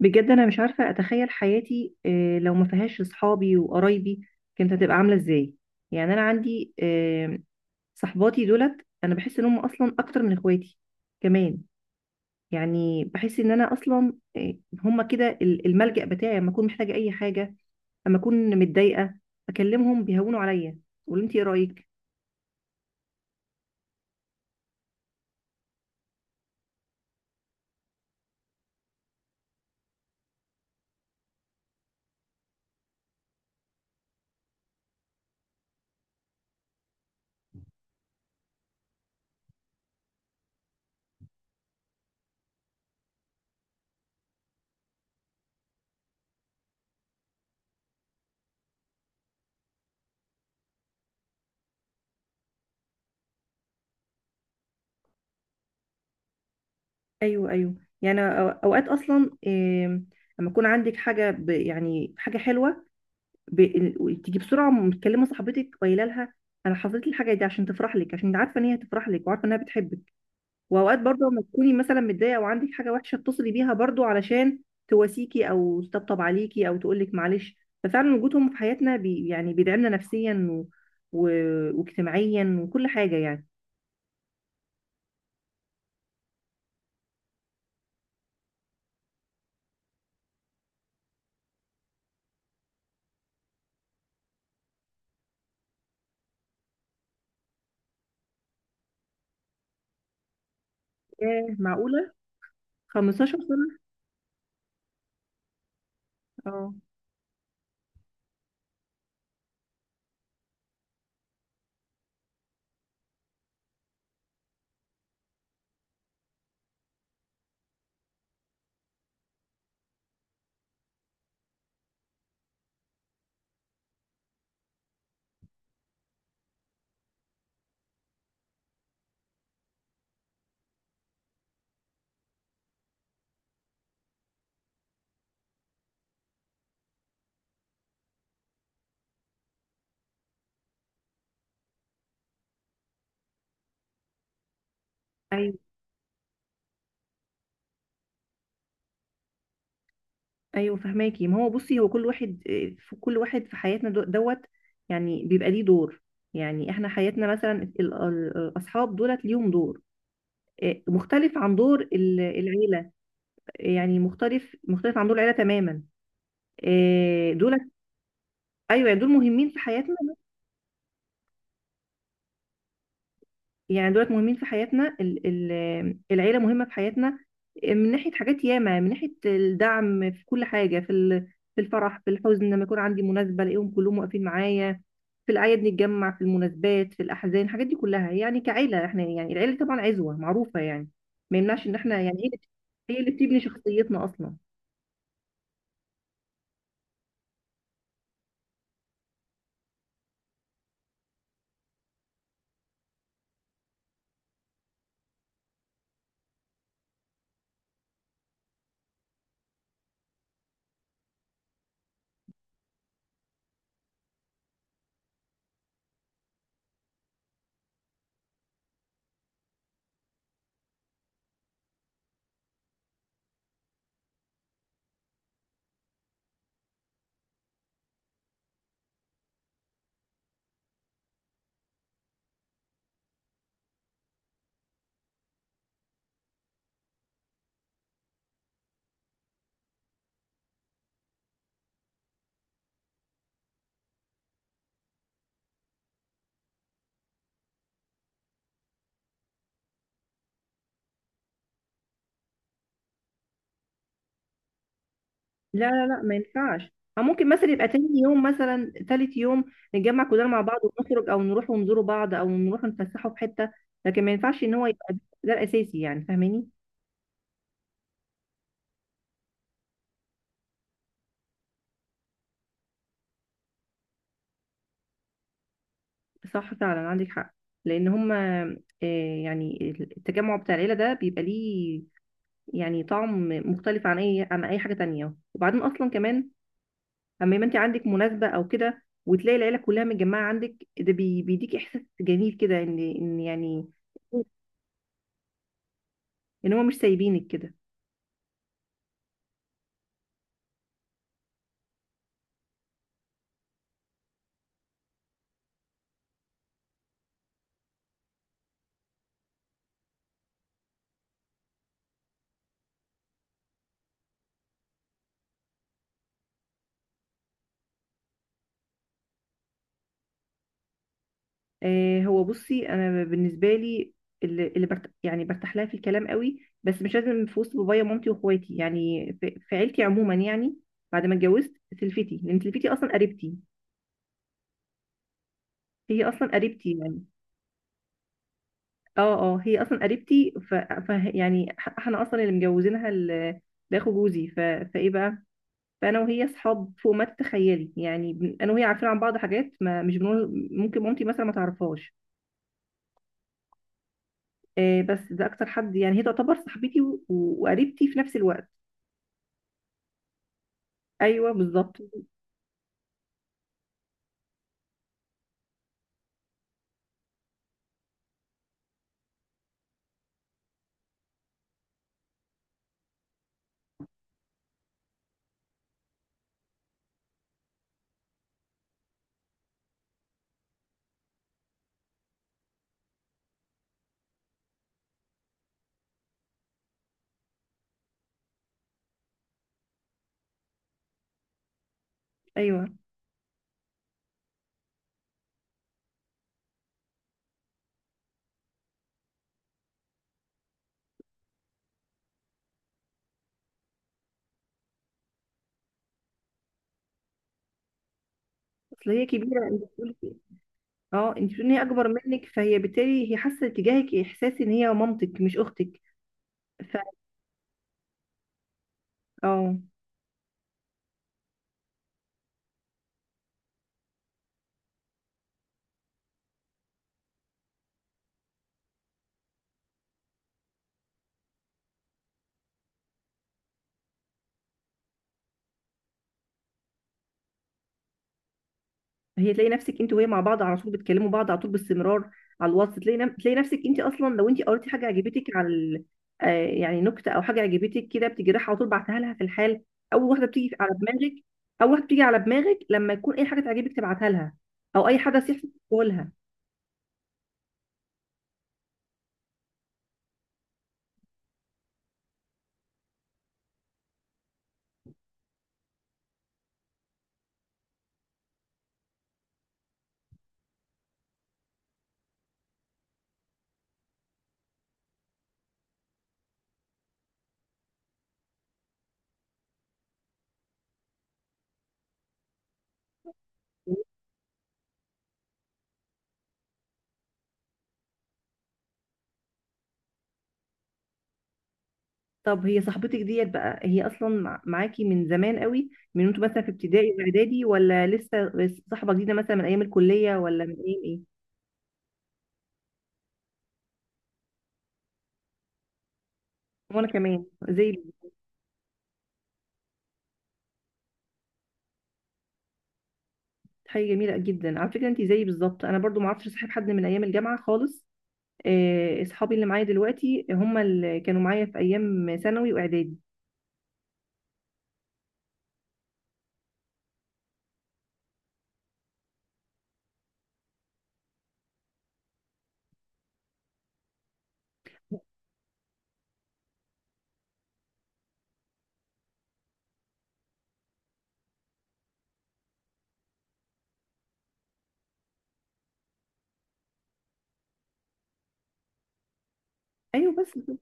بجد انا مش عارفه اتخيل حياتي لو ما فيهاش اصحابي وقرايبي كانت هتبقى عامله ازاي. يعني انا عندي صحباتي دولت، انا بحس ان هم اصلا اكتر من اخواتي كمان. يعني بحس ان انا اصلا هم كده الملجأ بتاعي لما اكون محتاجه اي حاجه، لما اكون متضايقه اكلمهم بيهونوا عليا. قولوا انت ايه رايك؟ ايوه، ايوه. يعني اوقات اصلا لما يكون عندك حاجه، يعني حاجه حلوه تيجي بسرعه متكلمه صاحبتك قايله لها انا حصلت لي الحاجه دي عشان تفرح لك، عشان انت عارفه ان هي هتفرح لك وعارفه انها بتحبك. واوقات برضه لما تكوني مثلا متضايقه او عندك حاجه وحشه اتصلي بيها برضه علشان تواسيكي او تطبطب عليكي او تقول لك معلش. ففعلا وجودهم في حياتنا يعني بيدعمنا نفسيا و... واجتماعيا وكل حاجه يعني. ايه، معقوله 15 سنه؟ اه. ايوه، ايوه فهماكي. ما هو بصي، هو كل واحد في كل واحد في حياتنا دوت، يعني بيبقى ليه دور. يعني احنا حياتنا مثلا الاصحاب دولت ليهم دور مختلف عن دور العيله. يعني مختلف عن دور العيله تماما دولت. ايوه، يعني دول مهمين في حياتنا. يعني دولت مهمين في حياتنا، العيله مهمه في حياتنا من ناحيه حاجات ياما، من ناحيه الدعم في كل حاجه، في الفرح، في الحزن، لما يكون عندي مناسبه الاقيهم كلهم واقفين معايا. في الأعياد نتجمع، في المناسبات، في الأحزان، الحاجات دي كلها يعني كعيلة. احنا يعني العيلة طبعا عزوة معروفة يعني، ما يمنعش إن احنا يعني هي، هي اللي بتبني شخصيتنا أصلا. لا، لا، لا، ما ينفعش. أو ممكن مثلا يبقى تاني يوم، مثلا تالت يوم، نتجمع كلنا مع بعض ونخرج أو نروح ونزوروا بعض أو نروح نتفسحوا في حتة. لكن ما ينفعش إن هو يبقى ده الأساسي، يعني فاهماني. صح، فعلا عندك حق. لأن هما يعني التجمع بتاع العيلة ده بيبقى ليه يعني طعم مختلف عن اي، عن اي حاجه تانية. وبعدين اصلا كمان اما يبقى انت عندك مناسبه او كده وتلاقي العيله كلها متجمعه عندك، ده بيديك احساس جميل كده، ان يعني ان هم مش سايبينك كده. هو بصي، انا بالنسبه لي، اللي يعني برتاح لها في الكلام قوي، بس مش لازم في وسط بابايا ومامتي واخواتي، يعني في عيلتي عموما، يعني بعد ما اتجوزت سلفتي، لان سلفتي اصلا قريبتي. هي اصلا قريبتي يعني. اه، اه، هي اصلا قريبتي يعني، احنا اصلا اللي مجوزينها لاخو جوزي فايه بقى. فانا وهي اصحاب فوق ما تتخيلي يعني، انا وهي عارفين عن بعض حاجات ما مش بنقول، ممكن مامتي مثلا ما تعرفهاش. بس ده اكتر حد يعني، هي تعتبر صاحبتي وقريبتي في نفس الوقت. ايوه، بالظبط. ايوه، اصل هي كبيره، انت بتقولي إيه؟ اه، انت بتقولي إن هي اكبر منك، فهي بالتالي هي حاسه تجاهك احساس ان هي مامتك مش اختك. ف اه. هي، تلاقي نفسك انت وهي مع بعض على طول، بتكلموا بعض على طول باستمرار على الواتس. تلاقي تلاقي نفسك انت اصلا، لو انت قريتي حاجه عجبتك على ال... آه يعني نكته او حاجه عجبتك كده، بتجي رايحه على طول بعتها لها في الحال. اول واحده بتيجي على دماغك، اول واحده بتيجي على دماغك لما يكون اي حاجه تعجبك تبعتها لها، او اي حدث يحصل تقولها. طب هي صاحبتك ديت بقى، هي اصلا معاكي من زمان قوي؟ من انتوا مثلا في ابتدائي واعدادي، ولا لسه صاحبه جديده مثلا من ايام الكليه، ولا من ايام ايه؟ وانا كمان زي، حاجة جميلة جدا على فكرة، انت زيي بالظبط. انا برضو ما عرفتش اصاحب حد من ايام الجامعة خالص. اصحابي اللي معايا دلوقتي هم اللي كانوا معايا في ايام ثانوي واعدادي. ايوه، بس كده.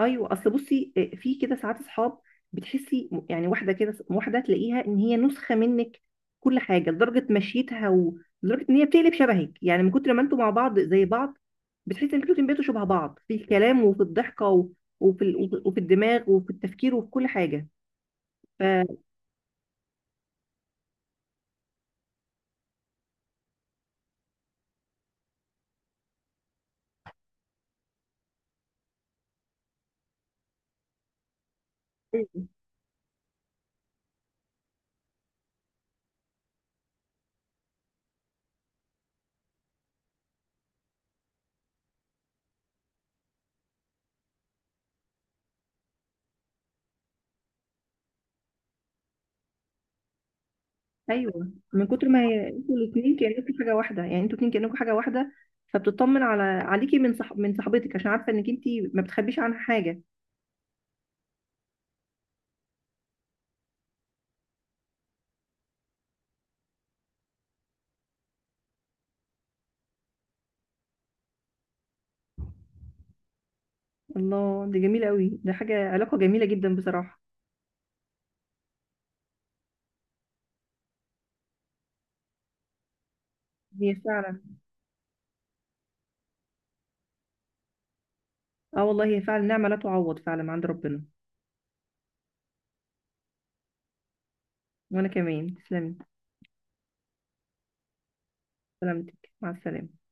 ايوه، اصل بصي في كده ساعات اصحاب بتحسي يعني، واحدة كده، واحدة تلاقيها ان هي نسخة منك كل حاجة، لدرجة مشيتها، ولدرجة ان هي بتقلب شبهك يعني من كتر ما انتوا مع بعض زي بعض. بتحسي ان انتوا بقيتوا شبه بعض في الكلام وفي الضحكة وفي الدماغ وفي التفكير وفي كل حاجة. ف ايوه، من كتر ما انتوا الاثنين كانكم حاجه واحده، يعني انتوا الاثنين كانكم حاجه واحده. فبتطمن عليكي من صاحبتك عشان عارفه انك انت ما بتخبيش عنها حاجه. الله، دي جميله قوي، ده علاقه جميله جدا بصراحه. هي فعلا. اه والله، هي فعلا نعمه لا تعوض فعلا عند ربنا. وانا كمان تسلمي. سلامتك، مع السلامه.